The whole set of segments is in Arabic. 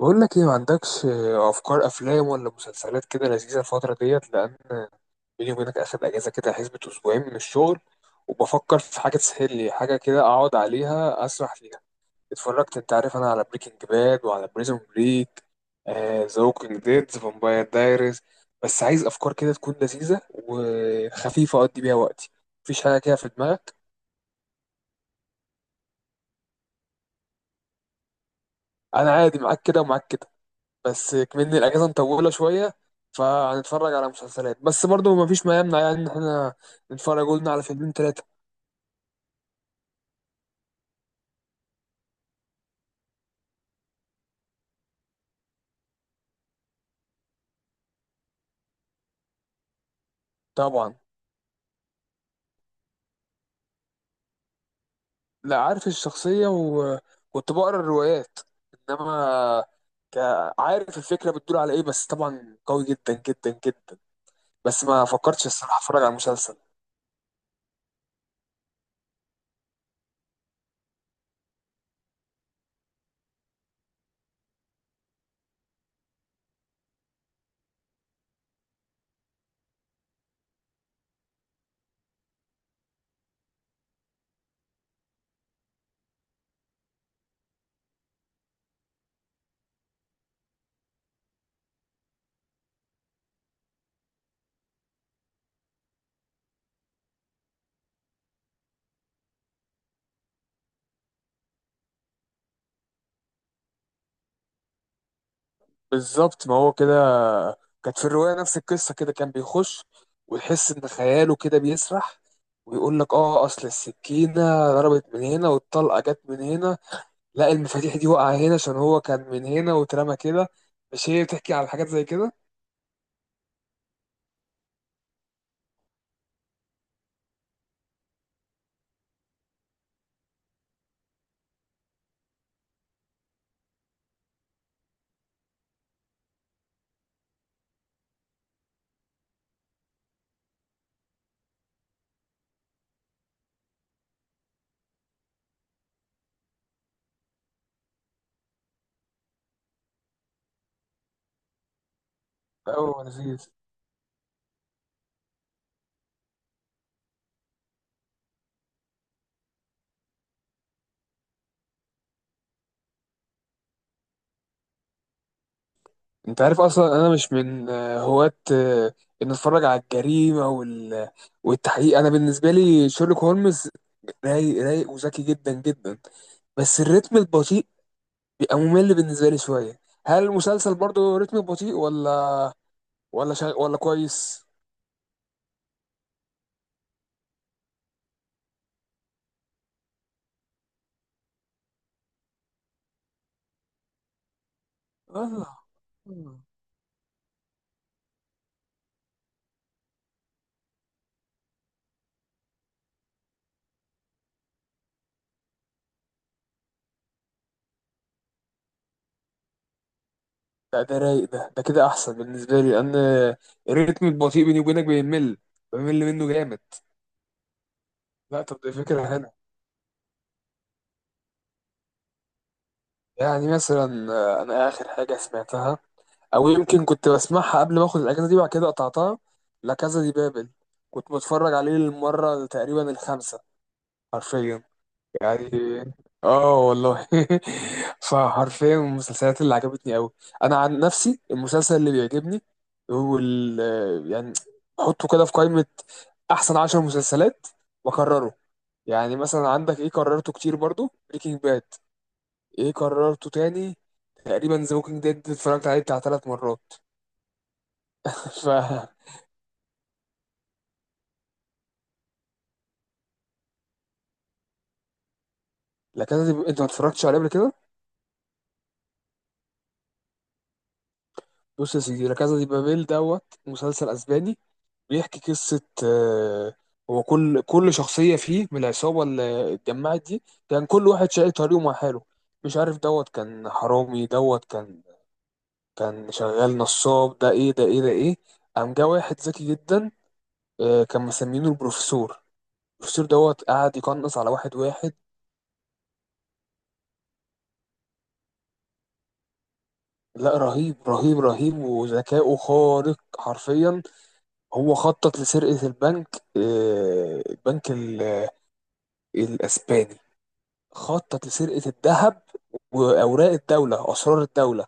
بقول لك ايه؟ ما عندكش افكار افلام ولا مسلسلات كده لذيذه الفتره ديت؟ لان بيني وبينك اخد اجازه كده حسبة اسبوعين من الشغل، وبفكر في حاجه تسهل لي حاجه كده اقعد عليها اسرح فيها. اتفرجت، انت عارف، انا على بريكنج باد وعلى بريزون بريك، ذا ووكينج ديد، ذا فامباير دايريز. بس عايز افكار كده تكون لذيذه وخفيفه اقضي بيها وقتي. مفيش حاجه كده في دماغك؟ انا عادي معاك كده ومعاك كده، بس كمان الاجازه مطوله شويه، فهنتفرج على مسلسلات. بس برضو ما فيش ما يمنع يعني ان احنا نتفرج، قلنا، على فيلمين ثلاثه. طبعا. لا، عارف الشخصيه وكنت بقرا الروايات، انما ك... عارف الفكره بتدور على ايه، بس طبعا قوي جدا جدا جدا. بس ما فكرتش الصراحه اتفرج على مسلسل. بالظبط، ما هو كده كانت في الرواية، نفس القصة كده، كان بيخش ويحس إن خياله كده بيسرح ويقول لك آه، أصل السكينة ضربت من هنا والطلقة جت من هنا، لا المفاتيح دي وقع هنا عشان هو كان من هنا واترمى كده. مش هي بتحكي على حاجات زي كده؟ أوه لذيذ. أنت عارف أصلا أنا مش من هواة إن أتفرج على الجريمة والتحقيق. أنا بالنسبة لي شيرلوك هولمز رايق رايق وذكي جدا جدا، بس الريتم البطيء بيبقى ممل بالنسبة لي شوية. هل المسلسل برضو رتمه بطيء، ولا كويس؟ والله. مم. لا ده رايق، ده كده أحسن بالنسبة لي، لأن الريتم البطيء بيني وبينك بيمل، بمل منه جامد. لا طب ده فكرة هنا. يعني مثلا أنا آخر حاجة سمعتها، أو يمكن كنت بسمعها قبل ما آخد الأجازة دي وبعد كده قطعتها، لا كازا دي بابل. كنت بتفرج عليه للمرة تقريبا الخامسة حرفيا، يعني. اه والله. فحرفيا من المسلسلات اللي عجبتني قوي. انا عن نفسي المسلسل اللي بيعجبني هو ال، يعني، حطه كده في قائمة احسن 10 مسلسلات واكرره. يعني مثلا عندك ايه كررته كتير برضو، بريكنج باد، ايه كررته تاني تقريبا، ذا ووكينج ديد اتفرجت عليه بتاع 3 مرات. ف، لا كذا دي... انت ما اتفرجتش عليه قبل كده؟ بص يا سيدي، لا كذا دي بابيل دوت مسلسل اسباني. بيحكي قصة هو كل شخصية فيه من العصابة اللي اتجمعت دي كان كل واحد شايل طريقه مع حاله. مش عارف دوت كان حرامي دوت كان كان شغال نصاب، ده ايه ده ايه ده ايه. قام جه واحد ذكي جدا، كان مسمينه البروفيسور. البروفيسور دوت قعد يقنص على واحد واحد. لا رهيب رهيب رهيب، وذكائه خارق حرفيا. هو خطط لسرقة البنك، البنك الأسباني. خطط لسرقة الذهب وأوراق الدولة، أسرار الدولة،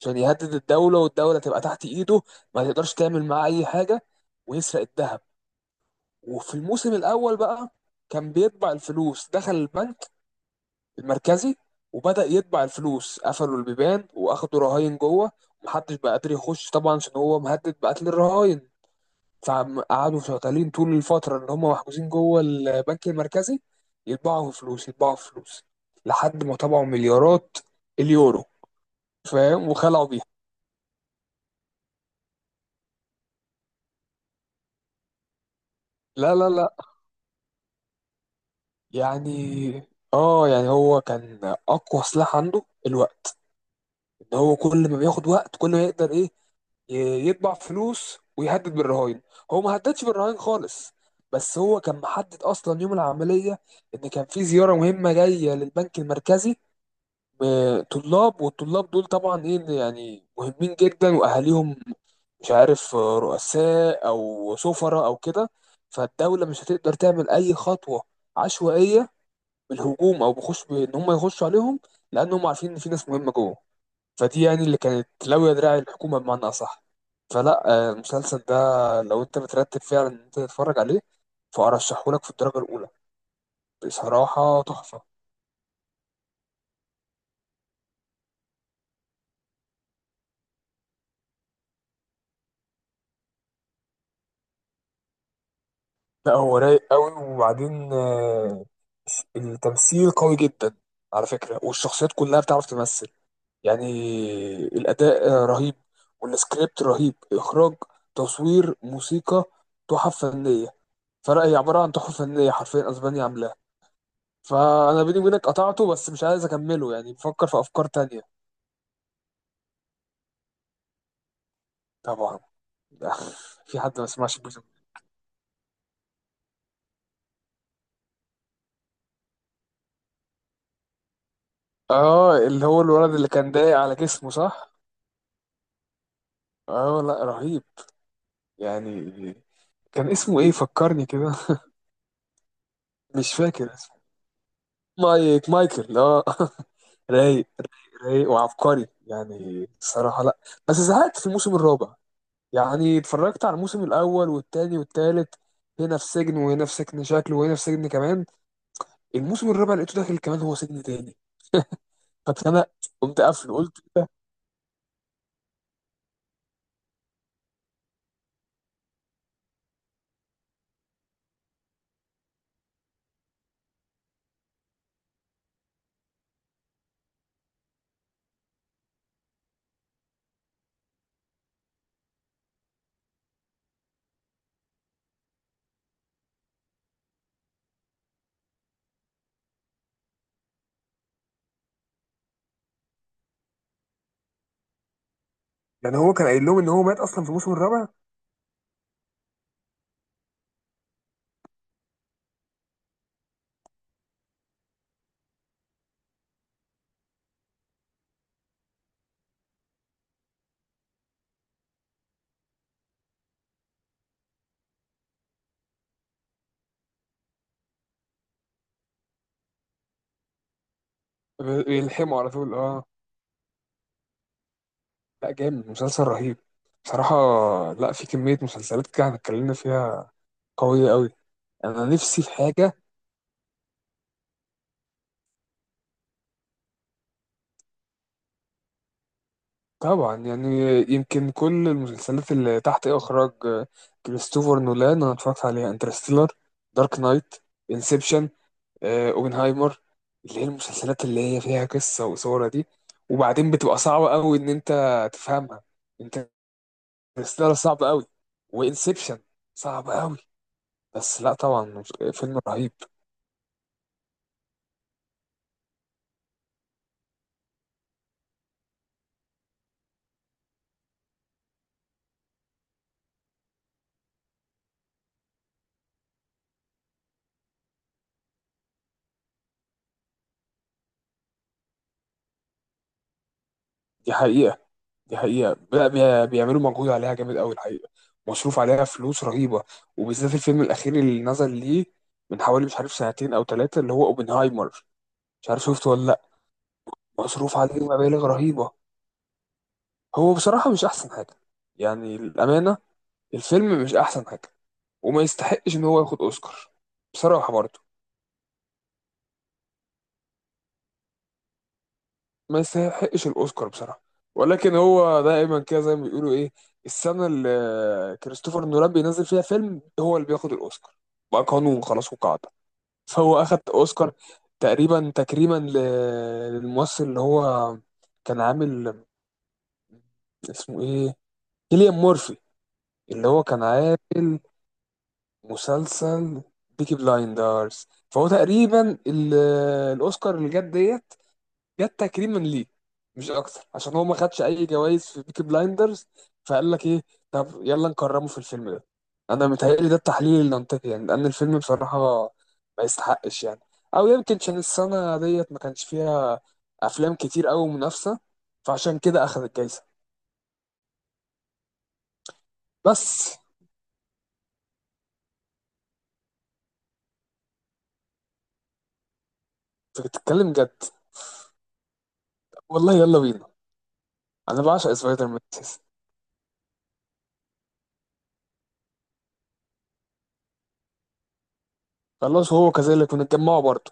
عشان يهدد الدولة والدولة تبقى تحت إيده، ما تقدرش تعمل معاه أي حاجة، ويسرق الذهب. وفي الموسم الأول بقى كان بيطبع الفلوس، دخل البنك المركزي وبدأ يطبع الفلوس، قفلوا البيبان وأخدوا رهاين جوه. محدش بقى قادر يخش طبعا عشان هو مهدد بقتل الرهاين. فقعدوا شغالين طول الفترة اللي هم محجوزين جوه البنك المركزي يطبعوا فلوس يطبعوا فلوس، لحد ما طبعوا مليارات اليورو، فاهم، وخلعوا بيها. لا لا لا. يعني اه، يعني هو كان أقوى سلاح عنده الوقت، إن هو كل ما بياخد وقت كل ما يقدر إيه يطبع فلوس ويهدد بالرهائن. هو ما هددش بالرهائن خالص، بس هو كان محدد أصلا يوم العملية، إن كان في زيارة مهمة جاية للبنك المركزي، وطلاب، والطلاب دول طبعا ايه اللي يعني مهمين جدا، واهاليهم مش عارف رؤساء او سفراء او كده. فالدوله مش هتقدر تعمل اي خطوه عشوائيه بالهجوم او بخش بان هم يخشوا عليهم، لانهم عارفين ان في ناس مهمه جوه. فدي يعني اللي كانت لاويه دراع الحكومه بمعنى اصح. فلا، المسلسل ده، لو انت مترتب فعلا ان انت تتفرج عليه، فارشحهولك في الدرجه الاولى. بصراحه تحفه. لا هو رايق قوي. وبعدين التمثيل قوي جدا على فكرة، والشخصيات كلها بتعرف تمثل. يعني الأداء رهيب، والسكريبت رهيب، إخراج، تصوير، موسيقى، تحف فنية. فلا هي عبارة عن تحف فنية حرفيا، أسبانيا عاملاها. فأنا بيني وبينك قطعته، بس مش عايز أكمله، يعني بفكر في أفكار تانية. طبعا. في حد ما سمعش بيزم؟ اه، اللي هو الولد اللي كان ضايق على جسمه، صح؟ اه لا رهيب، يعني. كان اسمه ايه فكرني كده؟ مش فاكر اسمه. مايك، مايكل، اه. رايق رايق رايق وعبقري، يعني الصراحة. لا بس زهقت في الموسم الرابع. يعني اتفرجت على الموسم الأول والتاني والتالت، هنا في سجن وهنا في سجن شكل وهنا في سجن كمان. الموسم الرابع لقيته داخل كمان هو سجن تاني، فاتخنقت، قمت قافله، قلت إيه ده؟ يعني هو كان قايل لهم ان هو مات اصلا في الموسم الرابع. يلحموا على طول، اه. لا جامد، مسلسل رهيب بصراحة. لا في كمية مسلسلات كده احنا اتكلمنا فيها قوية قوي. أنا نفسي في حاجة. طبعا، يعني. يمكن كل المسلسلات اللي تحت إخراج كريستوفر نولان أنا اتفرجت عليها: انترستيلر، دارك نايت، انسبشن، اوبنهايمر، اللي هي المسلسلات اللي هي فيها قصة وصورة دي. وبعدين بتبقى صعبة قوي إن أنت تفهمها. انترستيلر صعب قوي، وانسبشن صعب قوي. بس لا طبعا، فيلم رهيب. دي حقيقة، دي حقيقة. لا بيعملوا مجهود عليها جامد قوي، الحقيقة مصروف عليها فلوس رهيبة. وبالذات الفيلم الأخير اللي نزل ليه من حوالي مش عارف سنتين أو ثلاثة، اللي هو أوبنهايمر. مش عارف شفته ولا لأ. مصروف عليه مبالغ رهيبة. هو بصراحة مش أحسن حاجة، يعني الأمانة، الفيلم مش أحسن حاجة. وما يستحقش إن هو ياخد أوسكار بصراحة برضه. ما يستحقش الاوسكار بصراحه، ولكن هو دائما كده زي ما بيقولوا ايه، السنه اللي كريستوفر نولان بينزل فيها فيلم هو اللي بياخد الاوسكار، بقى قانون خلاص وقاعده. فهو اخد اوسكار تقريبا تكريما للممثل اللي هو كان عامل، اسمه ايه، كيليان مورفي، اللي هو كان عامل مسلسل بيكي بلايندرز. فهو تقريبا الاوسكار اللي جت ديت جت تكريما ليه، مش اكتر، عشان هو ما خدش اي جوائز في بيكي بلايندرز. فقال لك ايه، طب يلا نكرمه في الفيلم ده. انا متهيألي ده التحليل المنطقي، يعني لان الفيلم بصراحه ما يستحقش، يعني. او يمكن عشان السنه ديت ما كانش فيها افلام كتير قوي منافسه، فعشان كده اخذ الجايزه. بس انت بتتكلم جد؟ والله يلا بينا. انا بعشق سبايدر مان أساساً. خلاص، هو كذلك ونتجمعوا برضه.